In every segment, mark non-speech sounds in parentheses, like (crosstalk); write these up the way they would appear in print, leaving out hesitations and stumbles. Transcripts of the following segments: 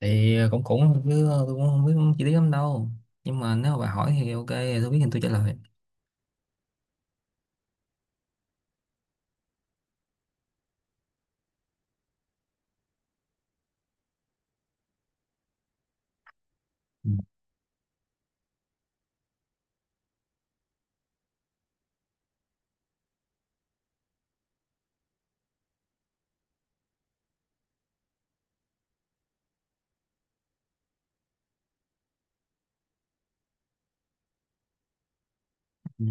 Thì cũng cũng chứ tôi cũng không biết chi tiết lắm đâu. Nhưng mà nếu mà bà hỏi thì ok, tôi biết thì tôi trả lời. Ừ. Ừ.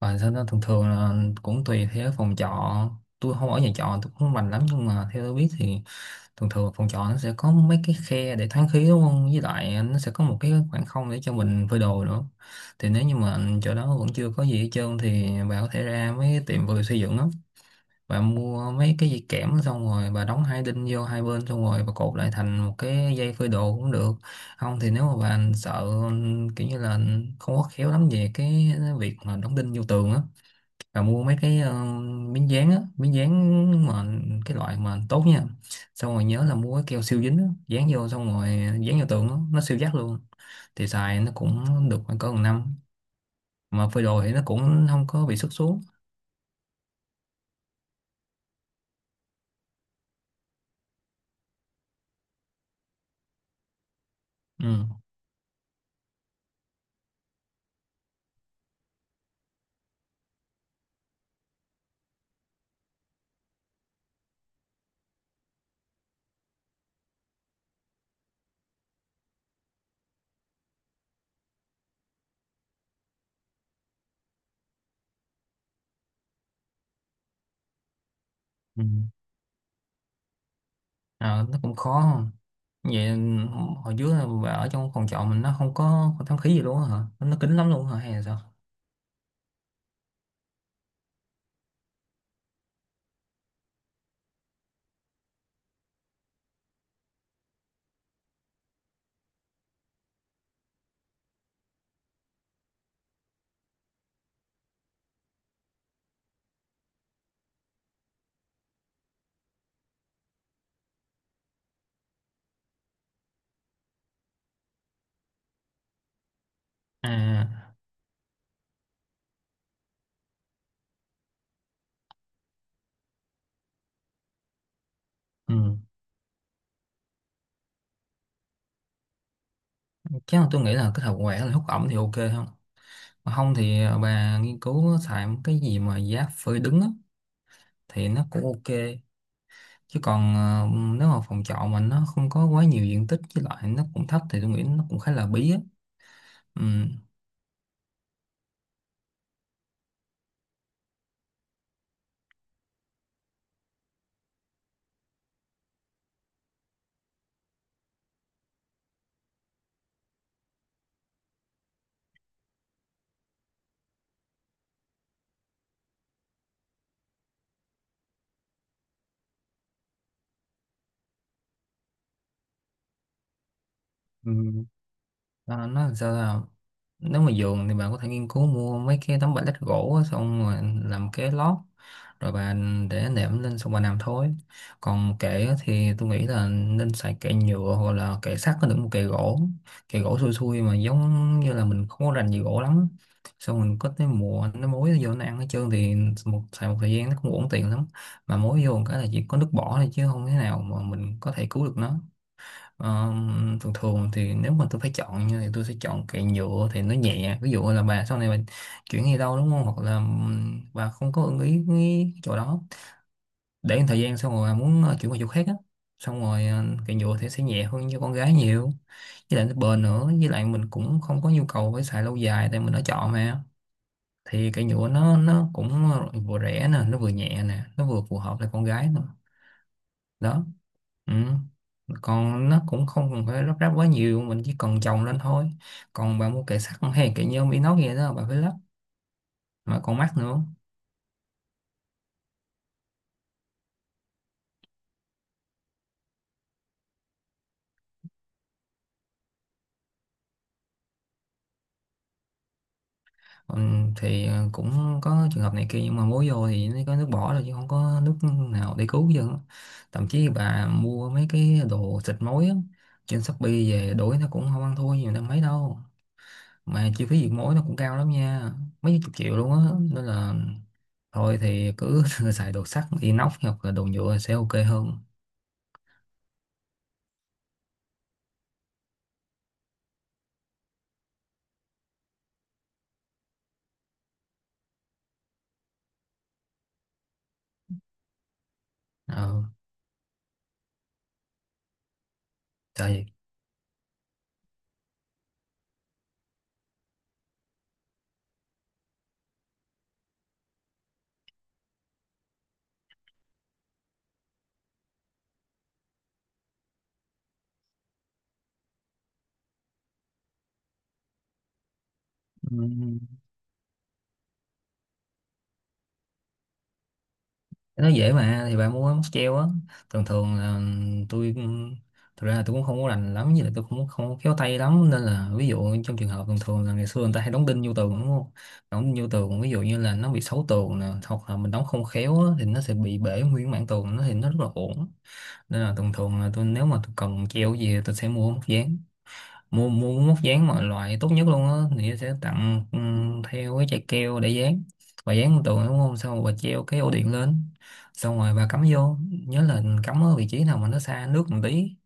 Và sau đó thường thường là cũng tùy theo phòng trọ. Tôi không ở nhà trọ, tôi cũng không rành lắm, nhưng mà theo tôi biết thì thường thường phòng trọ nó sẽ có mấy cái khe để thoáng khí, đúng không, với lại nó sẽ có một cái khoảng không để cho mình phơi đồ nữa. Thì nếu như mà chỗ đó vẫn chưa có gì hết trơn thì bà có thể ra mấy cái tiệm vừa xây dựng đó, bà mua mấy cái dây kẽm, xong rồi bà đóng hai đinh vô hai bên, xong rồi bà cột lại thành một cái dây phơi đồ cũng được. Không thì nếu mà bà sợ, kiểu như là không có khéo lắm về cái việc mà đóng đinh vô tường á, bà mua mấy cái miếng dán á, miếng dán mà cái loại mà tốt nha, xong rồi nhớ là mua cái keo siêu dính á dán vô, xong rồi dán vô tường á, nó siêu chắc luôn. Thì xài nó cũng được khoảng cỡ một năm, mà phơi đồ thì nó cũng không có bị xước xuống. Ừ. Ừ. Ờ, nó cũng khó. Vậy hồi trước là bà ở trong phòng trọ mình nó không có, không thoáng khí gì luôn á hả? Nó kín lắm luôn hả hay là sao? À. Ừ. Chắc là tôi nghĩ là cái hợp quẹt là hút ẩm thì ok không? Mà không thì à, bà nghiên cứu xài một cái gì mà giá phơi đứng á, thì nó cũng ok. Chứ còn nếu mà phòng trọ mình nó không có quá nhiều diện tích, với lại nó cũng thấp thì tôi nghĩ nó cũng khá là bí á. Ừ. Nó làm sao là, nếu mà giường thì bạn có thể nghiên cứu mua mấy cái tấm pallet gỗ á, xong rồi làm cái lót, rồi bạn để nệm lên xong bạn nằm thôi. Còn kệ á thì tôi nghĩ là nên xài kệ nhựa hoặc là kệ sắt, có được một kệ gỗ, kệ gỗ xui xui mà giống như là mình không có rành gì gỗ lắm, xong mình có cái mùa nó mối nó vô nó ăn hết trơn thì xài một thời gian nó cũng uổng tiền lắm. Mà mối vô một cái là chỉ có nước bỏ thôi chứ không thế nào mà mình có thể cứu được nó. Ờ, thường thường thì nếu mà tôi phải chọn như thì tôi sẽ chọn kệ nhựa thì nó nhẹ. Ví dụ là bà sau này bà chuyển đi đâu đúng không, hoặc là bà không có ưng ý cái chỗ đó, để một thời gian xong rồi bà muốn chuyển qua chỗ khác á, xong rồi kệ nhựa thì sẽ nhẹ hơn cho con gái nhiều, với lại nó bền nữa, với lại mình cũng không có nhu cầu phải xài lâu dài tại mình đã chọn mà. Thì kệ nhựa nó cũng vừa rẻ nè, nó vừa nhẹ nè, nó vừa phù hợp với con gái nữa. Đó. Ừ. Còn nó cũng không cần phải lắp ráp quá nhiều, mình chỉ cần chồng lên thôi. Còn bà mua kệ sắt hay kệ nhôm inox gì đó bà phải lắp mà còn mắc nữa. Ừ, thì cũng có trường hợp này kia nhưng mà mua vô thì nó có nước bỏ rồi chứ không có nước nào để cứu chứ. Thậm chí bà mua mấy cái đồ xịt mối á, trên Shopee về đổi nó cũng không ăn thua nhiều năm mấy đâu. Mà chi phí diệt mối nó cũng cao lắm nha, mấy chục triệu luôn á, nên là thôi thì cứ (laughs) xài đồ sắt inox hoặc là đồ nhựa sẽ ok hơn. Ờ. Trời. ừm, nó dễ mà, thì bạn muốn móc treo á, thường thường là tôi, thực ra là tôi cũng không có rành lắm, như là tôi cũng không khéo tay lắm, nên là ví dụ trong trường hợp thường thường là ngày xưa người ta hay đóng đinh vô tường đúng không. Đóng đinh vô tường ví dụ như là nó bị xấu tường nè, hoặc là mình đóng không khéo á, thì nó sẽ bị bể nguyên mảng tường nó thì nó rất là uổng. Nên là thường thường là tôi, nếu mà tôi cần treo gì thì tôi sẽ mua móc dán, mua mua móc dán mà loại tốt nhất luôn á, thì sẽ tặng theo cái chai keo để dán. Bà dán lên tường đúng không, xong rồi bà treo cái ổ điện lên, xong rồi bà cắm vô, nhớ là cắm ở vị trí nào mà nó xa nước một tí,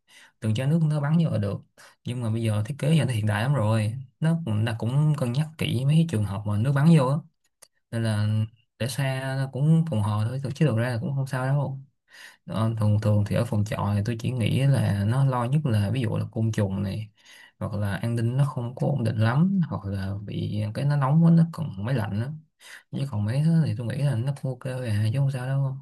đừng cho nước nó bắn vô là được. Nhưng mà bây giờ thiết kế giờ nó hiện đại lắm rồi, nó cũng cân nhắc kỹ mấy cái trường hợp mà nước bắn vô á, nên là để xa nó cũng phòng hờ thôi chứ thực ra là cũng không sao đâu. Đó, thường thường thì ở phòng trọ thì tôi chỉ nghĩ là nó lo nhất là ví dụ là côn trùng này, hoặc là an ninh nó không có ổn định lắm, hoặc là bị cái nó nóng quá nó còn máy lạnh đó. Chứ còn mấy thứ thì tôi nghĩ là nó cũng ok rồi à chứ không sao đâu.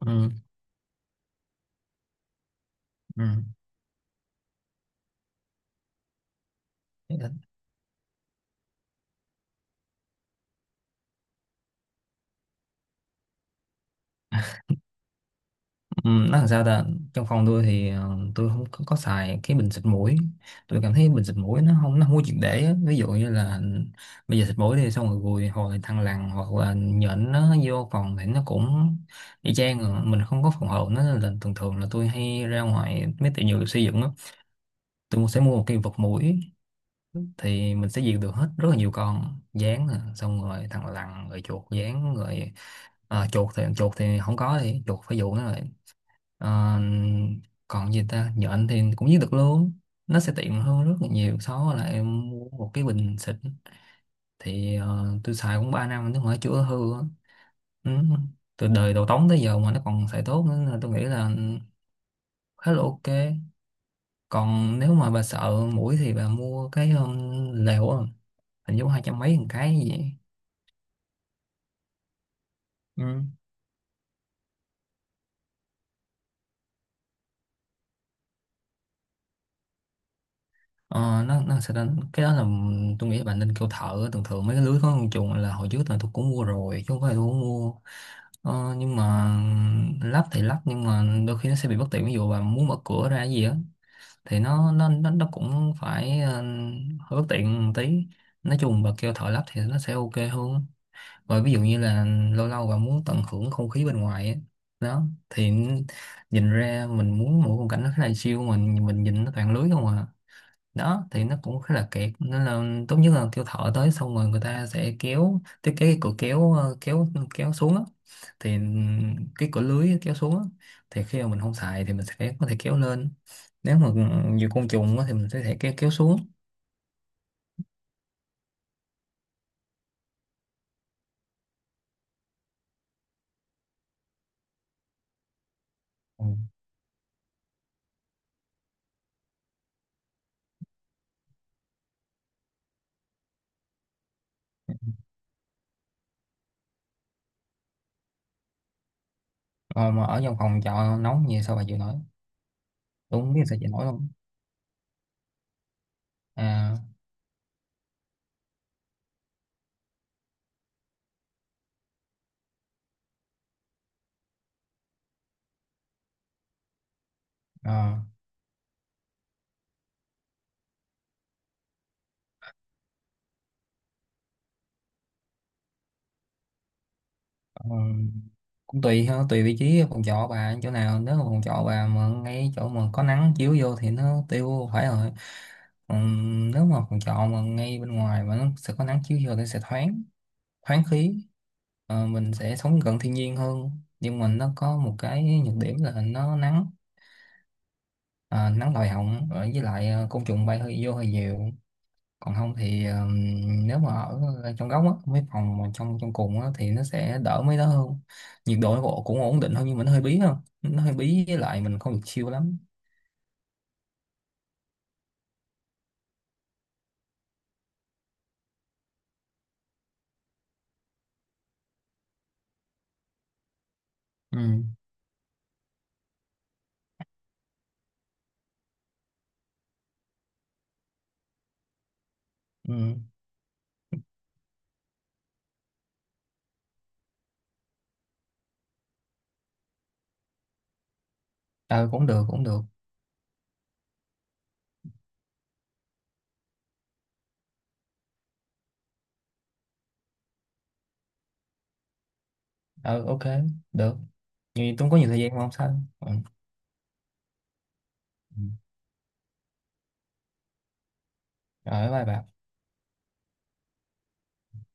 Ừ. Ừ. Ừ, nói làm sao ta. Trong phòng tôi thì tôi không có, có xài cái bình xịt mũi. Tôi cảm thấy bình xịt mũi nó không có triệt để á. Ví dụ như là bây giờ xịt mũi thì xong rồi gùi hồi thằng lằn hoặc là nhện nó vô phòng thì nó cũng y chang à. Mình không có phòng hộ nó, nên là thường thường là tôi hay ra ngoài mấy tiệm dược xây dựng á, tôi sẽ mua một cái vật mũi, thì mình sẽ diệt được hết rất là nhiều con gián nè, xong rồi thằng lằn rồi chuột gián rồi. À, chuột thì không có, thì chuột phải dụ nó rồi. Ờ, còn gì ta, nhện thì cũng giết được luôn. Nó sẽ tiện hơn rất là nhiều so với là em mua một cái bình xịt. Thì tôi xài cũng 3 năm nếu mà nó chưa hư á. Ừ. Từ đời đầu tống tới giờ mà nó còn xài tốt nữa, nên tôi nghĩ là khá là ok. Còn nếu mà bà sợ mũi thì bà mua cái lều á, hình như hai trăm mấy một cái gì vậy. Ừ. Ờ, nó sẽ đánh- cái đó là, tôi nghĩ là bà nên kêu thợ. Thường thường mấy cái lưới có con chuột là hồi trước là tôi cũng mua rồi chứ không phải là tôi không mua. Ờ, nhưng mà lắp thì lắp, nhưng mà đôi khi nó sẽ bị bất tiện. Ví dụ bà muốn mở cửa ra cái gì á thì nó cũng phải hơi bất tiện một tí. Nói chung bà kêu thợ lắp thì nó sẽ ok hơn. Rồi ví dụ như là lâu lâu bà muốn tận hưởng không khí bên ngoài á, đó, thì nhìn ra mình muốn một khung cảnh nó khá là chill, mình nhìn nó toàn lưới không à. Đó thì nó cũng khá là kiệt, nên là tốt nhất là kêu thợ tới, xong rồi người ta sẽ kéo thiết kế cái cửa kéo kéo, kéo xuống á. Thì cái cửa lưới kéo xuống á, thì khi mà mình không xài thì mình sẽ có thể kéo lên. Nếu mà ừ, nhiều côn trùng á thì mình sẽ thể kéo kéo xuống. Ừ. Ờ, mà ở trong phòng trọ nóng như sao bà chịu nổi, tôi không biết sao chịu nổi không. À, ờ, cũng tùy ha, tùy vị trí phòng trọ bà chỗ nào. Nếu mà phòng trọ bà mà ngay chỗ mà có nắng chiếu vô thì nó tiêu phải rồi. Còn nếu mà phòng trọ mà ngay bên ngoài mà nó sẽ có nắng chiếu vô thì nó sẽ thoáng, thoáng khí. Ờ, mình sẽ sống gần thiên nhiên hơn, nhưng mà nó có một cái nhược điểm là nó nắng. À, nắng lòi họng, với lại côn trùng bay hơi vô hơi nhiều. Còn không thì nếu mà ở trong góc á, mấy phòng mà trong trong cùng á thì nó sẽ đỡ mấy đó hơn, nhiệt độ nó cũng cũng ổn định hơn, nhưng mà nó hơi bí, không, nó hơi bí, với lại mình không được chill lắm. Ừ. Ừ. Ờ, cũng được, cũng được. Ờ, ok, được. Vì tôi không có nhiều thời gian mà không sao. Ừ. Ừ. Rồi, bye bye.